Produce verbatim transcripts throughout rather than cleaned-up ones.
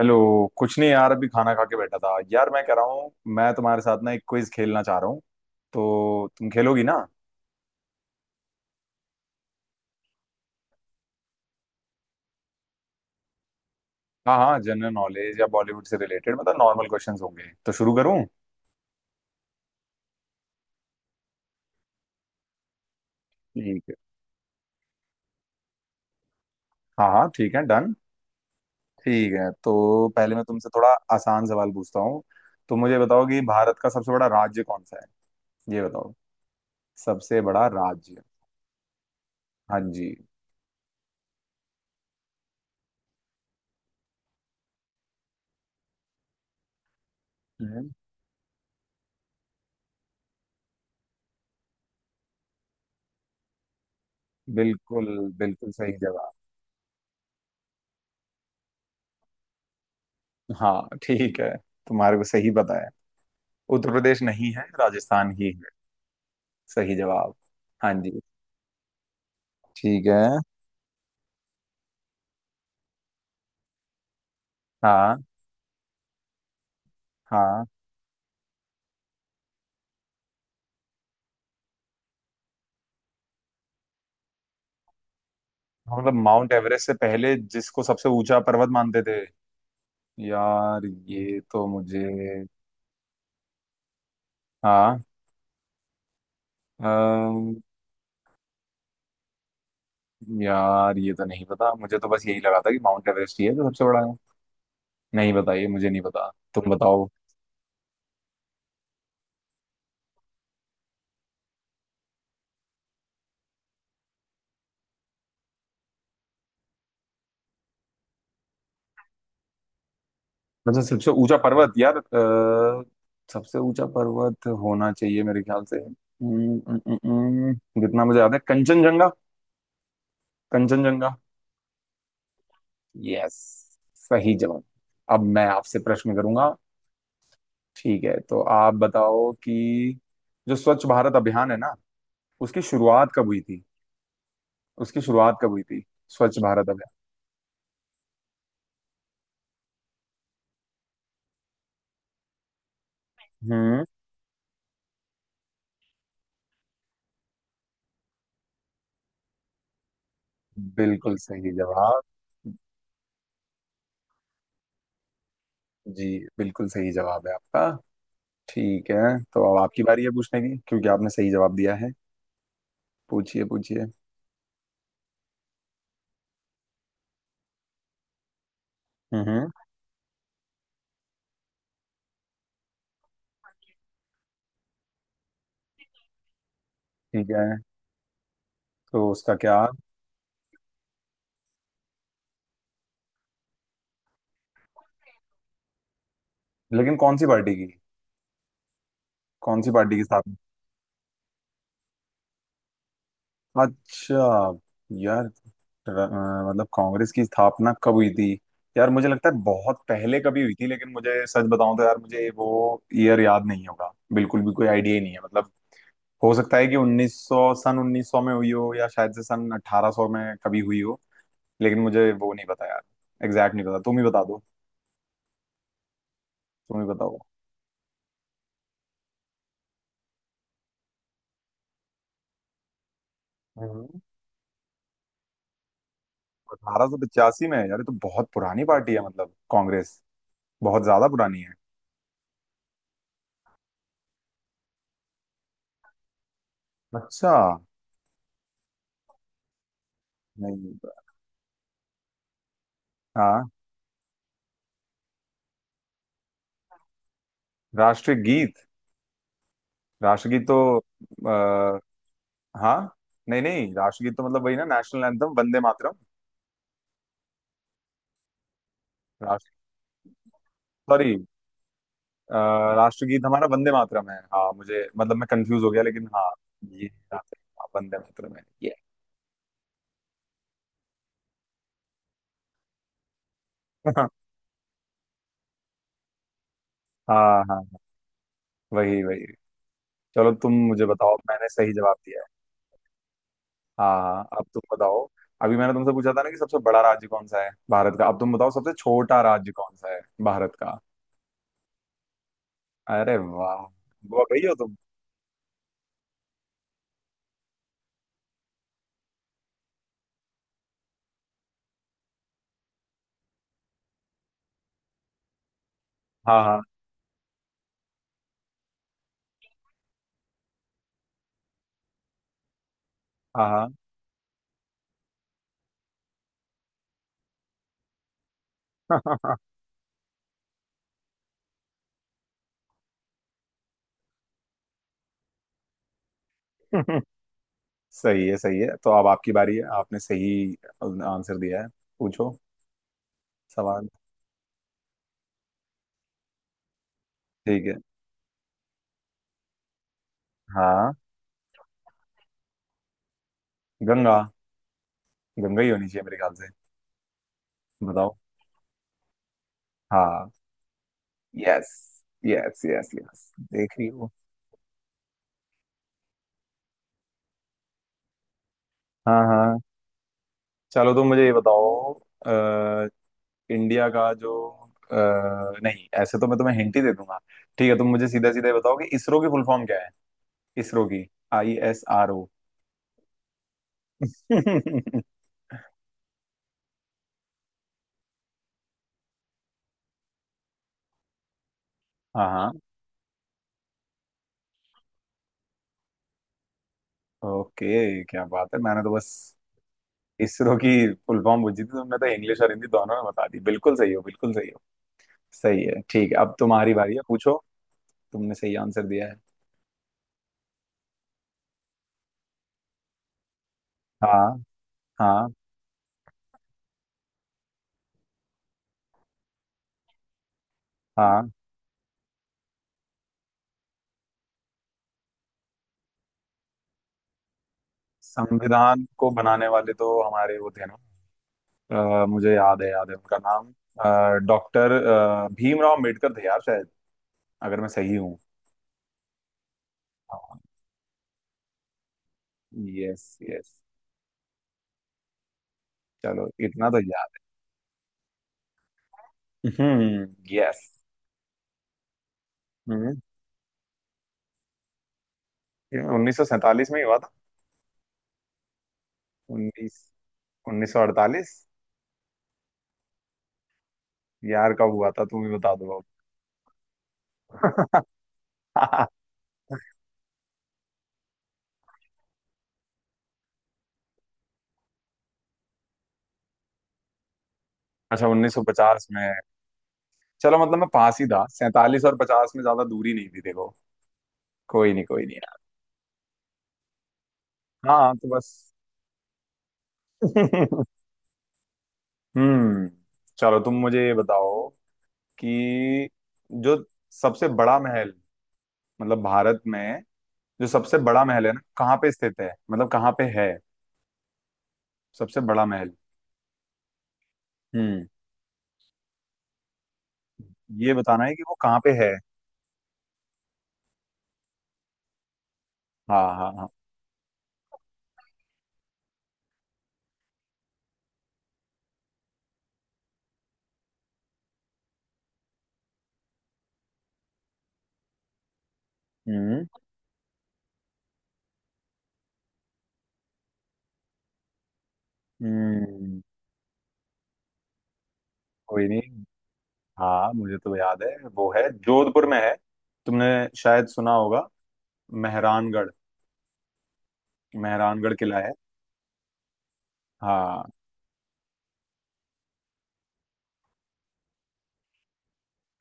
Hello. कुछ नहीं यार, अभी खाना खा के बैठा था। यार मैं कह रहा हूँ, मैं तुम्हारे साथ ना एक क्विज खेलना चाह रहा हूँ, तो तुम खेलोगी ना। हाँ हाँ, जनरल नॉलेज या बॉलीवुड से रिलेटेड, मतलब नॉर्मल क्वेश्चंस होंगे। तो शुरू करूँ? ठीक है। हाँ हाँ, ठीक है, डन। ठीक है तो पहले मैं तुमसे थोड़ा आसान सवाल पूछता हूँ। तो मुझे बताओ कि भारत का सबसे बड़ा राज्य कौन सा है, ये बताओ। सबसे बड़ा राज्य। हाँ जी। हम्म। बिल्कुल। बिल्कुल सही जवाब। हाँ ठीक है, तुम्हारे को सही पता है। उत्तर प्रदेश नहीं है, राजस्थान ही है। सही जवाब। हाँ जी। ठीक है। हाँ हाँ। हाँ, मतलब माउंट एवरेस्ट से पहले जिसको सबसे ऊंचा पर्वत मानते थे, यार ये तो मुझे। हाँ। अम, यार ये तो नहीं पता। मुझे तो बस यही लगा था कि माउंट एवरेस्ट ही है जो सबसे बड़ा है। नहीं पता, ये मुझे नहीं पता, तुम बताओ। वैसे सबसे ऊंचा पर्वत यार, अ, सबसे ऊंचा पर्वत होना चाहिए मेरे ख्याल से, अम, अम, अम, अम, जितना मुझे याद है, कंचनजंगा। कंचनजंगा। यस, सही जवाब। अब मैं आपसे प्रश्न करूंगा। ठीक है तो आप बताओ कि जो स्वच्छ भारत अभियान है ना, उसकी शुरुआत कब हुई थी? उसकी शुरुआत कब हुई थी? स्वच्छ भारत अभियान। हम्म। बिल्कुल सही जवाब। जी, बिल्कुल सही जवाब है आपका। ठीक है तो अब आपकी बारी है पूछने की, क्योंकि आपने सही जवाब दिया है। पूछिए पूछिए। हम्म। ठीक है। तो उसका क्या? लेकिन कौन सी पार्टी की? कौन सी पार्टी की स्थापना? अच्छा। यार, र- अ, मतलब कांग्रेस की स्थापना कब हुई थी? यार मुझे लगता है बहुत पहले कभी हुई थी, लेकिन मुझे सच बताऊं तो यार मुझे वो ईयर याद नहीं होगा। बिल्कुल भी कोई आइडिया ही नहीं है, मतलब। हो सकता है कि उन्नीस सौ, सन उन्नीस सौ में हुई हो, या शायद से सन अठारह सौ में कभी हुई हो। लेकिन मुझे वो नहीं पता यार, एग्जैक्ट नहीं पता, तुम ही बता दो, तुम ही बताओ। हम्म। अठारह सौ पचासी में है यार, ये तो बहुत पुरानी पार्टी है, मतलब कांग्रेस। बहुत ज्यादा पुरानी है। अच्छा। नहीं। हाँ, राष्ट्रीय गीत। राष्ट्रगीत तो आ, हाँ, नहीं नहीं, राष्ट्रगीत तो मतलब वही ना, नेशनल एंथम, वंदे मातरम। राष्ट्र, सॉरी, राष्ट्रगीत हमारा वंदे मातरम है। हाँ मुझे, मतलब मैं कंफ्यूज हो गया, लेकिन हाँ ये राष्ट्रगीत, हाँ, वंदे मातरम है ये। हाँ हाँ। वही वही। चलो तुम मुझे बताओ, मैंने सही जवाब दिया है। हाँ हाँ, अब तुम बताओ। अभी मैंने तुमसे पूछा था ना कि सबसे बड़ा राज्य कौन सा है भारत का, अब तुम बताओ सबसे छोटा राज्य कौन सा है भारत का। अरे वाह। गोवा गई हो तुम? हाँ हाँ हाँ हाँ। सही है, सही है। तो अब आपकी बारी है, आपने सही आंसर दिया है। पूछो सवाल। ठीक है। हाँ, गंगा। गंगा ही होनी चाहिए मेरे ख्याल से। बताओ। हाँ। यस यस यस यस, देख रही हो। हाँ हाँ। चलो तो मुझे ये बताओ, अ, इंडिया का जो अ, नहीं, ऐसे तो मैं तुम्हें हिंट ही दे दूंगा। ठीक है, तुम मुझे सीधा सीधा बताओ कि इसरो की फुल फॉर्म क्या है। इसरो की, आई एस आर ओ। हाँ हाँ। ओके, क्या बात है, मैंने तो बस इसरो की फुल फॉर्म पूछी थी, तुमने तो इंग्लिश और हिंदी दोनों में बता दी। बिल्कुल सही हो, बिल्कुल सही हो। सही है, ठीक है, अब तुम्हारी बारी है, पूछो। तुमने सही आंसर दिया है। हाँ हाँ हाँ। संविधान को बनाने वाले तो हमारे वो थे ना, अ, मुझे याद है, याद है उनका नाम। डॉक्टर भीमराव अम्बेडकर थे यार, शायद, अगर मैं सही हूँ। हाँ। Yes yes. चलो, इतना तो याद। हम्म। यस। हम्म। उन्नीस सौ सैतालीस में ही हुआ था। उन्नीस उन्नीस सौ अड़तालीस। यार कब हुआ था, तुम ही बता दो। अब अच्छा, उन्नीस सौ पचास में। चलो मतलब मैं पास ही था, सैंतालीस और पचास में ज्यादा दूरी नहीं थी, देखो। कोई नहीं, कोई नहीं यार। हाँ तो बस। हम्म। चलो तुम मुझे ये बताओ कि जो सबसे बड़ा महल, मतलब भारत में जो सबसे बड़ा महल है ना, कहाँ पे स्थित है, मतलब कहाँ पे है। सबसे बड़ा महल। हम्म, ये बताना है कि वो कहाँ पे है। हाँ हाँ हाँ। हम्म हम्म। कोई नहीं। हाँ, मुझे तो याद है। वो है, जोधपुर में है। तुमने शायद सुना होगा, मेहरानगढ़। मेहरानगढ़ किला है। हाँ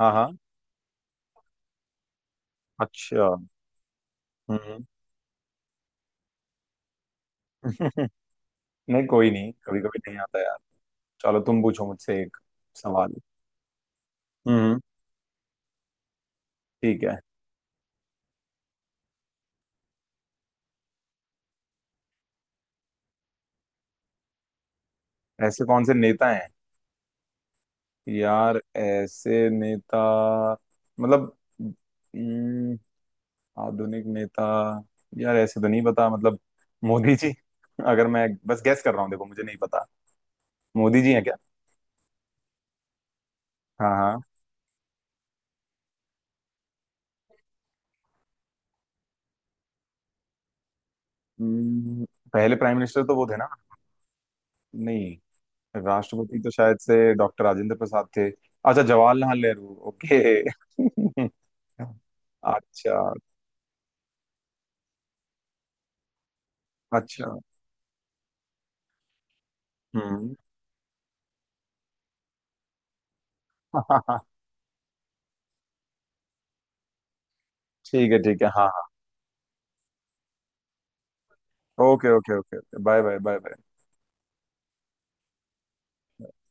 हाँ हाँ। अच्छा। हम्म। नहीं, कोई नहीं, कभी कभी नहीं आता यार। चलो तुम पूछो मुझसे एक सवाल। हम्म। ठीक है। ऐसे कौन से नेता हैं? यार ऐसे नेता, मतलब, हम्म, आधुनिक नेता। यार ऐसे तो नहीं पता मतलब, मोदी जी। अगर मैं बस गैस कर रहा हूँ, देखो मुझे नहीं पता, मोदी जी हैं। हाँ हाँ। हम्म, पहले प्राइम मिनिस्टर तो वो थे ना। नहीं, राष्ट्रपति तो शायद से डॉक्टर राजेंद्र प्रसाद थे। अच्छा, जवाहरलाल नेहरू, ओके। अच्छा अच्छा। हम्म। ठीक है, ठीक है, हाँ हाँ। Okay okay okay. Bye bye bye bye.